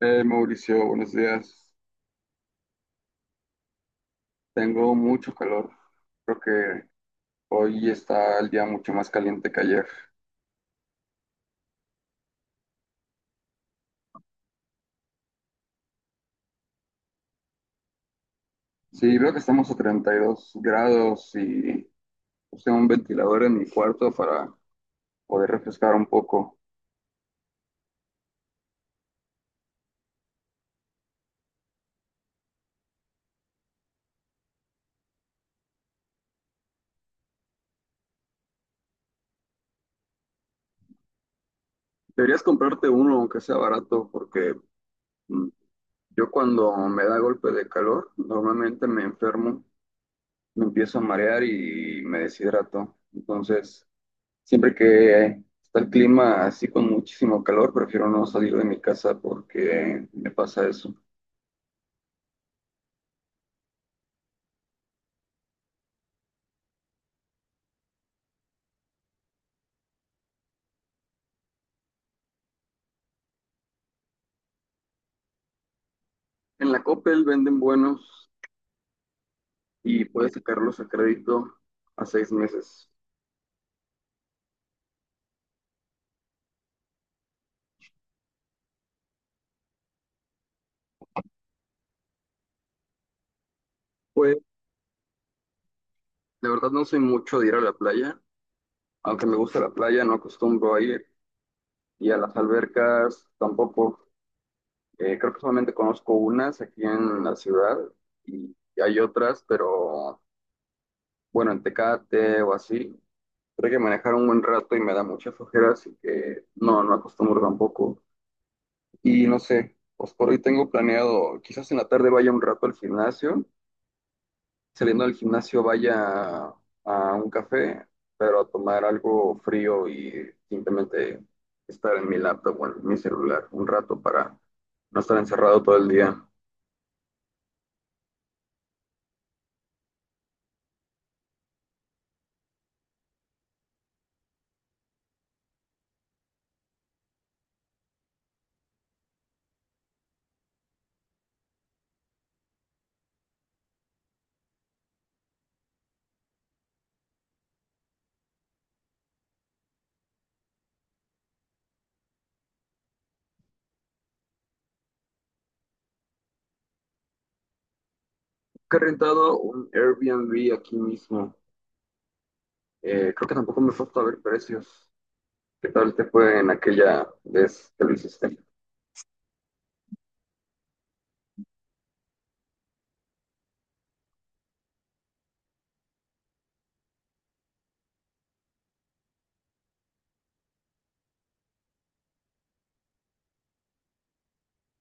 Mauricio, buenos días. Tengo mucho calor. Creo que hoy está el día mucho más caliente que ayer. Sí, veo que estamos a 32 grados y usé un ventilador en mi cuarto para poder refrescar un poco. Deberías comprarte uno, aunque sea barato, porque mm, yo cuando me da golpe de calor, normalmente me enfermo, me empiezo a marear y me deshidrato. Entonces, siempre que está el clima así con muchísimo calor, prefiero no salir de mi casa porque me pasa eso. En la Coppel venden buenos y puedes sacarlos a crédito a 6 meses. Pues de verdad no soy mucho de ir a la playa, aunque me gusta la playa, no acostumbro a ir y a las albercas tampoco. Creo que solamente conozco unas aquí en la ciudad y hay otras, pero bueno, en Tecate o así. Creo que manejar un buen rato y me da mucha flojera, así que no, no acostumbro tampoco. Y no sé, pues por hoy tengo planeado, quizás en la tarde vaya un rato al gimnasio, saliendo del gimnasio vaya a un café, pero a tomar algo frío y simplemente estar en mi laptop o en mi celular un rato para no estar encerrado todo el día. Que he rentado un Airbnb aquí mismo. Creo que tampoco me he puesto a ver precios. ¿Qué tal te fue en aquella vez que lo hiciste?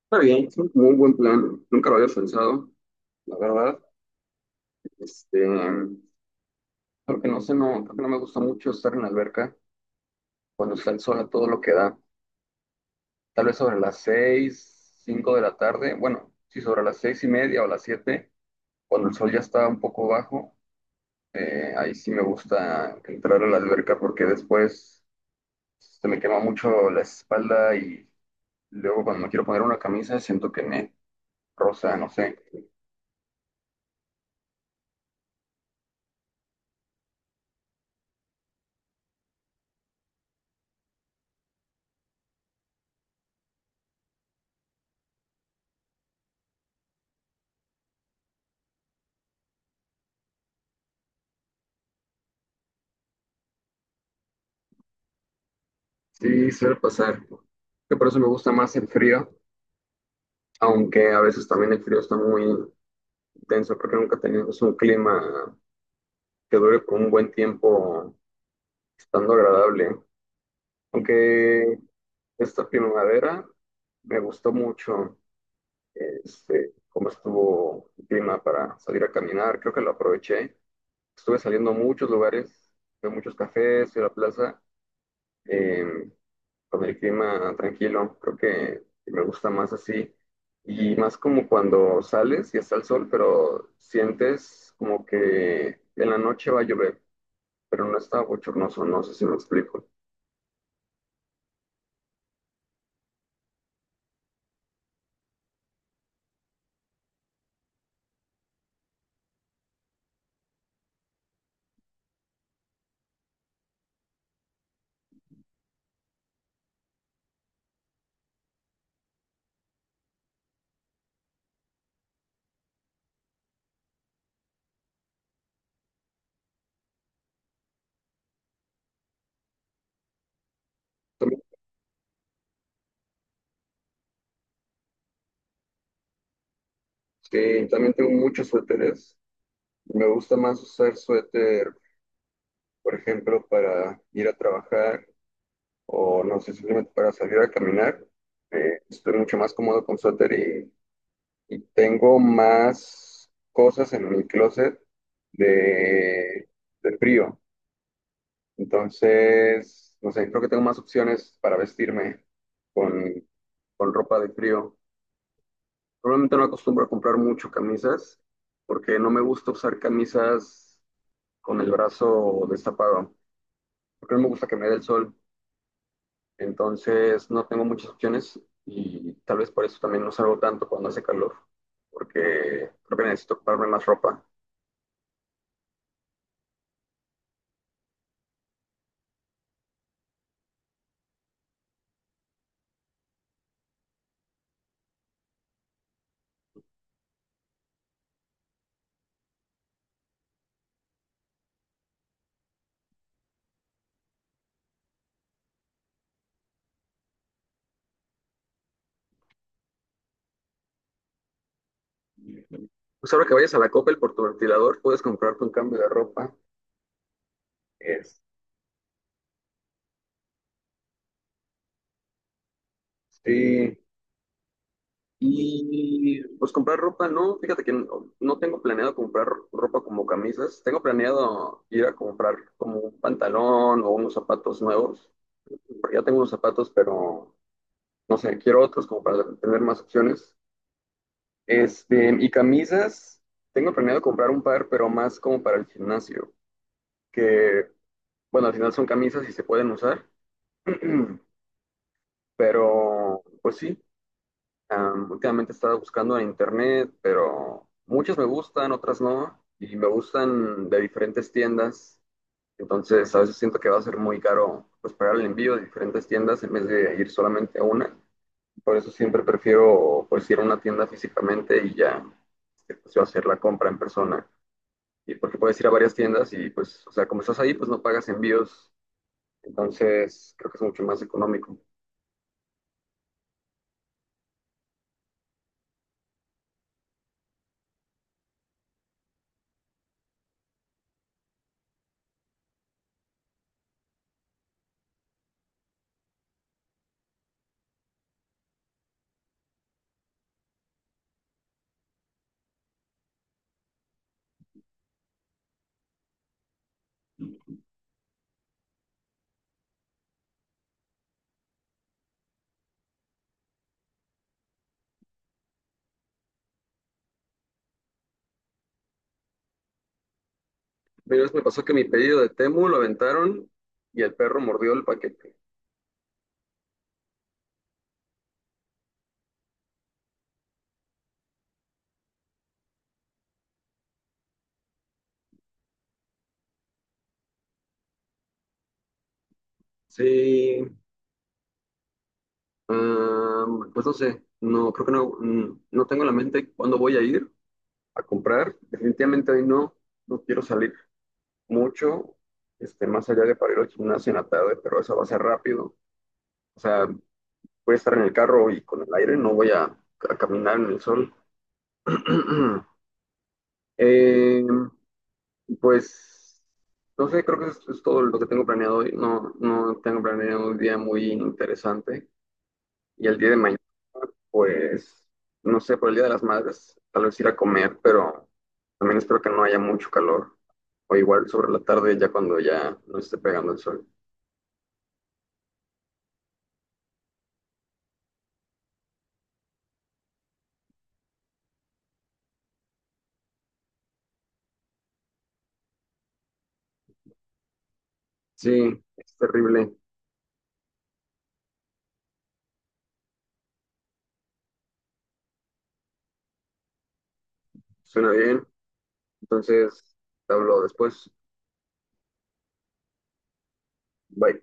Está bien, es un muy buen plan. Nunca lo había pensado, la verdad. Este, creo que no sé, no, creo que no me gusta mucho estar en la alberca cuando está el sol a todo lo que da. Tal vez sobre las seis, cinco de la tarde. Bueno, sí, sobre las seis y media o las siete, cuando el sol ya está un poco bajo, ahí sí me gusta entrar a la alberca porque después se me quema mucho la espalda y luego cuando me quiero poner una camisa siento que me roza, no sé. Sí, suele pasar. Que por eso me gusta más el frío, aunque a veces también el frío está muy intenso. Creo que nunca tenemos un clima que dure por un buen tiempo estando agradable. Aunque esta primavera me gustó mucho este, cómo estuvo el clima para salir a caminar. Creo que lo aproveché. Estuve saliendo a muchos lugares, fui a muchos cafés, fui a la plaza. Em, con el clima tranquilo. Creo que me gusta más así. Y más como cuando sales y está el sol, pero sientes como que en la noche va a llover, pero no está bochornoso, no sé si me explico. También- sí, también tengo muchos suéteres. Me gusta más usar suéter, por ejemplo, para ir a trabajar o no sé, simplemente para salir a caminar. Estoy mucho más cómodo con suéter. Y tengo más cosas en mi closet de, de frío. Entonces, no sé, creo que tengo más opciones para vestirme con, con ropa de frío. Probablemente no acostumbro a comprar mucho camisas porque no me gusta usar camisas con el brazo destapado, porque no me gusta que me dé el sol. Entonces, no tengo muchas opciones y tal vez por eso también no salgo tanto cuando hace calor, porque creo que necesito comprarme más ropa. Pues ahora que vayas a la Coppel por tu ventilador, puedes comprarte un cambio de ropa. Este, y pues comprar ropa, no, fíjate que no, no tengo planeado comprar ropa como camisas. Tengo planeado ir a comprar como un pantalón o unos zapatos nuevos, porque ya tengo unos zapatos, pero no sé, quiero otros como para tener más opciones. Este, y camisas, tengo planeado comprar un par, pero más como para el gimnasio. Que, bueno, al final son camisas y se pueden usar. Pero, pues sí, últimamente he estado buscando en internet, pero muchas me gustan, otras no, y me gustan de diferentes tiendas. Entonces, a veces siento que va a ser muy caro pues pagar el envío de diferentes tiendas en vez de ir solamente a una. Por eso siempre prefiero pues ir a una tienda físicamente y ya este, pues, yo hacer la compra en persona. Y porque puedes ir a varias tiendas y pues, o sea, como estás ahí, pues no pagas envíos. Entonces, creo que es mucho más económico. Una vez me pasó que mi pedido de Temu lo aventaron y el perro mordió el paquete. Sí, ah, pues no sé, no, creo que no, no tengo en la mente cuándo voy a ir a comprar. Definitivamente hoy no, no quiero salir mucho, este, más allá de para ir al gimnasio en la tarde, pero eso va a ser rápido. O sea, voy a estar en el carro y con el aire, no voy a caminar en el sol. Eh, Y pues, no sé, creo que es todo lo que tengo planeado hoy. No, no tengo planeado un día muy interesante. Y el día de mañana, pues, no sé, por el Día de las Madres, tal vez ir a comer, pero también espero que no haya mucho calor. O igual sobre la tarde, ya cuando ya no esté pegando el sol. Sí, es terrible. Suena bien. Entonces, te hablo después. Bye.